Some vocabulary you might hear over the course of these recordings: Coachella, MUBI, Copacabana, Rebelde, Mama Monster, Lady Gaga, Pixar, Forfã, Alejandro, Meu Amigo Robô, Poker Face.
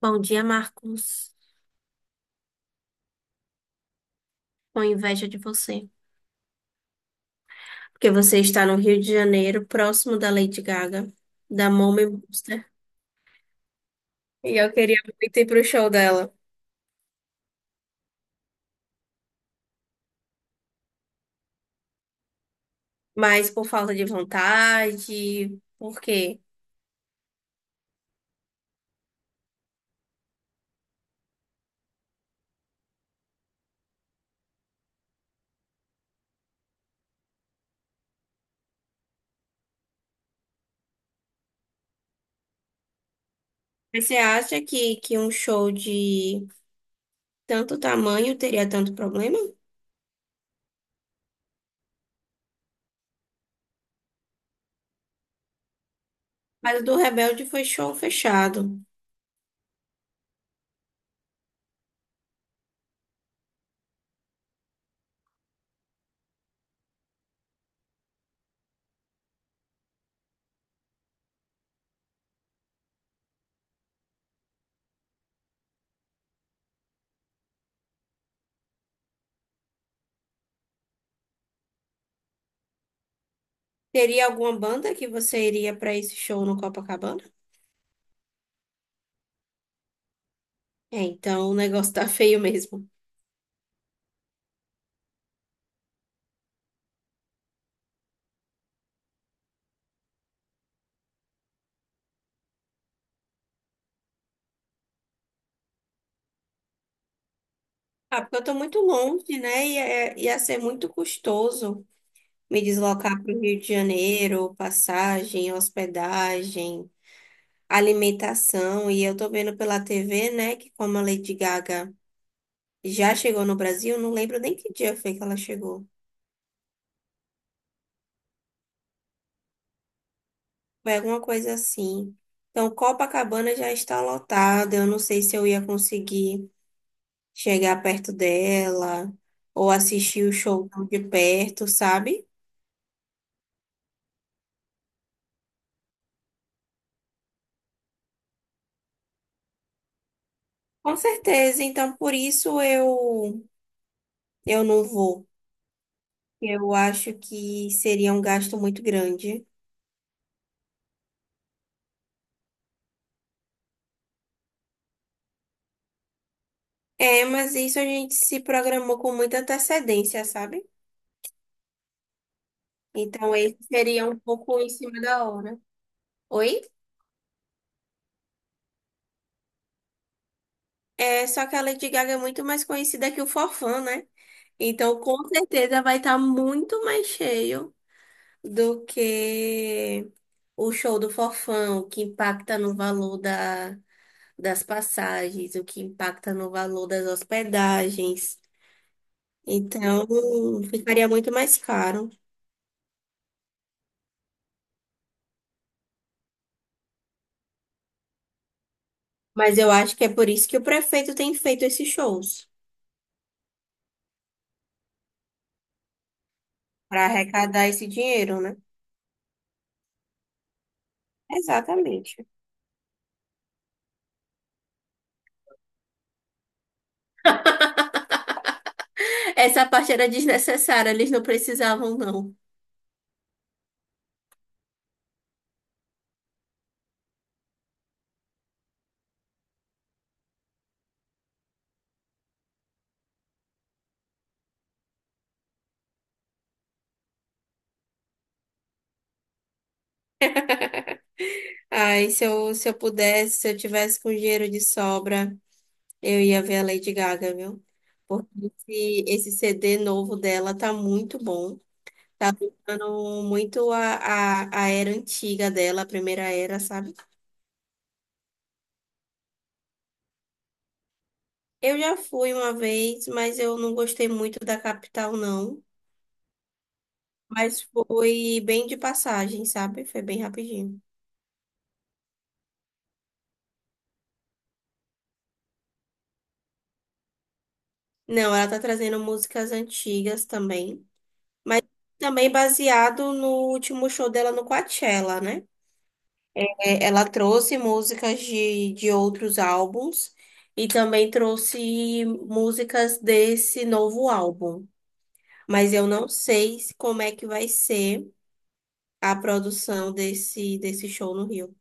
Bom dia, Marcos. Com inveja de você. Porque você está no Rio de Janeiro, próximo da Lady Gaga, da Mama Monster. E eu queria muito ir pro show dela. Mas por falta de vontade, por quê? Mas você acha que um show de tanto tamanho teria tanto problema? Mas o do Rebelde foi show fechado. Teria alguma banda que você iria para esse show no Copacabana? É, então o negócio tá feio mesmo. Ah, porque eu tô muito longe, né? E ia ser muito custoso me deslocar para o Rio de Janeiro, passagem, hospedagem, alimentação. E eu tô vendo pela TV, né, que como a Lady Gaga já chegou no Brasil, não lembro nem que dia foi que ela chegou. Foi alguma coisa assim. Então, Copacabana já está lotada. Eu não sei se eu ia conseguir chegar perto dela ou assistir o show de perto, sabe? Com certeza. Então, por isso eu não vou. Eu acho que seria um gasto muito grande. É, mas isso a gente se programou com muita antecedência, sabe? Então, esse seria um pouco em cima da hora. Oi? É, só que a Lady Gaga é muito mais conhecida que o Forfã, né? Então, com certeza vai estar muito mais cheio do que o show do Forfã, o que impacta no valor das passagens, o que impacta no valor das hospedagens. Então, ficaria muito mais caro. Mas eu acho que é por isso que o prefeito tem feito esses shows, para arrecadar esse dinheiro, né? Exatamente. Essa parte era desnecessária, eles não precisavam, não. Ai, se eu pudesse, se eu tivesse com dinheiro de sobra, eu ia ver a Lady Gaga, viu? Porque esse CD novo dela tá muito bom. Tá lembrando muito a era antiga dela, a primeira era, sabe? Eu já fui uma vez, mas eu não gostei muito da capital, não. Mas foi bem de passagem, sabe? Foi bem rapidinho. Não, ela tá trazendo músicas antigas também. Mas também baseado no último show dela no Coachella, né? É, ela trouxe músicas de outros álbuns e também trouxe músicas desse novo álbum. Mas eu não sei como é que vai ser a produção desse show no Rio.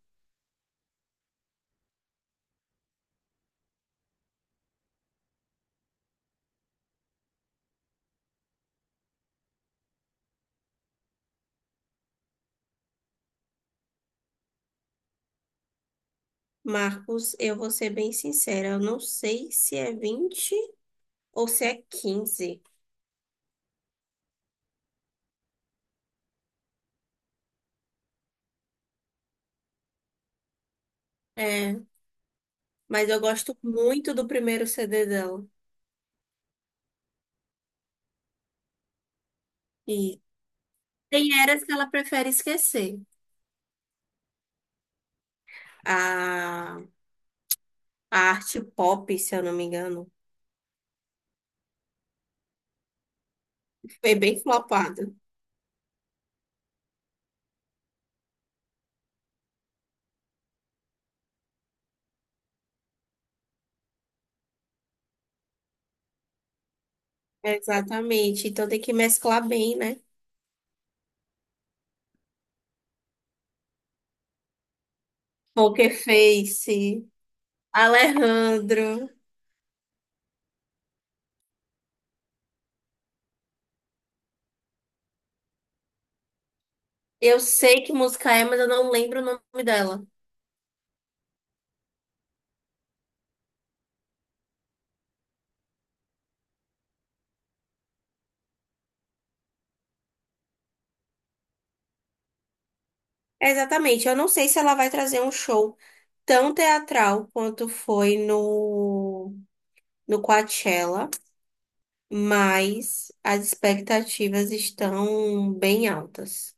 Marcos, eu vou ser bem sincera, eu não sei se é 20 ou se é 15. É, mas eu gosto muito do primeiro CD dela. E tem eras que ela prefere esquecer. A, a arte pop, se eu não me engano, foi bem flopada. Exatamente. Então tem que mesclar bem, né? Poker Face, Alejandro. Eu sei que música é, mas eu não lembro o nome dela. Exatamente. Eu não sei se ela vai trazer um show tão teatral quanto foi no Coachella, mas as expectativas estão bem altas.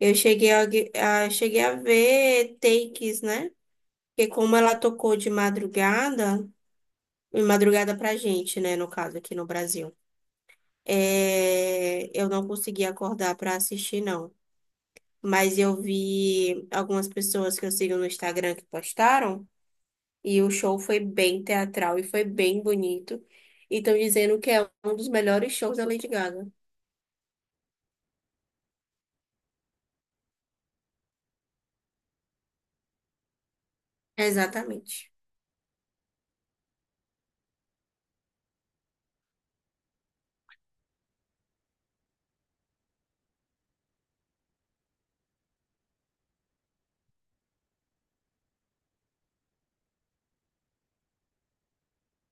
Eu cheguei a ver takes, né? Porque como ela tocou de madrugada pra gente, né? No caso, aqui no Brasil. Eu não consegui acordar para assistir, não. Mas eu vi algumas pessoas que eu sigo no Instagram que postaram. E o show foi bem teatral e foi bem bonito. E estão dizendo que é um dos melhores shows da Lady Gaga. Exatamente.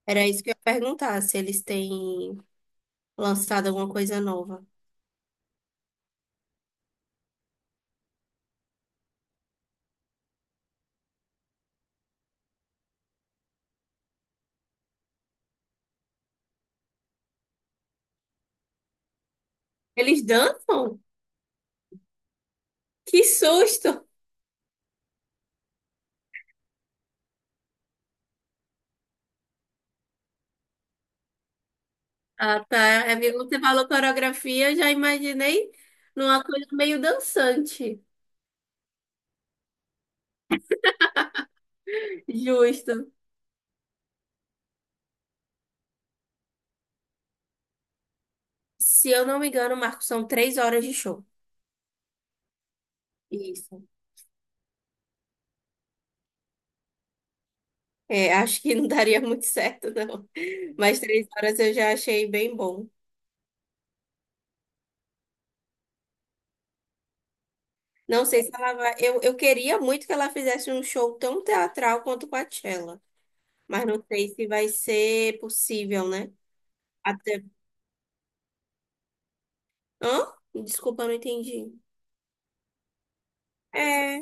Era isso que eu ia perguntar, se eles têm lançado alguma coisa nova. Eles dançam? Que susto! Ah, tá. É porque quando você falou coreografia, eu já imaginei numa coisa meio dançante. Justo. Se eu não me engano, Marco, são três horas de show. Isso. É, acho que não daria muito certo, não. Mas três horas eu já achei bem bom. Não sei se ela vai. Eu queria muito que ela fizesse um show tão teatral quanto Coachella, mas não sei se vai ser possível, né? Até. Hã? Desculpa, eu não entendi. É,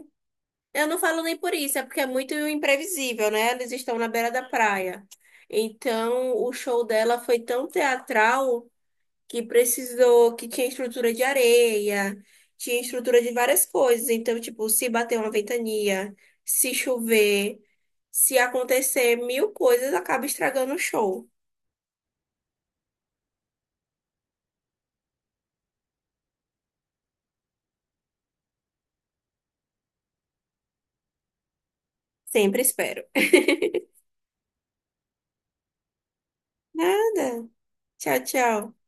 eu não falo nem por isso, é porque é muito imprevisível, né? Eles estão na beira da praia. Então, o show dela foi tão teatral. Que precisou, que tinha estrutura de areia, tinha estrutura de várias coisas. Então, tipo, se bater uma ventania, se chover, se acontecer mil coisas, acaba estragando o show. Sempre espero. Nada. Tchau, tchau.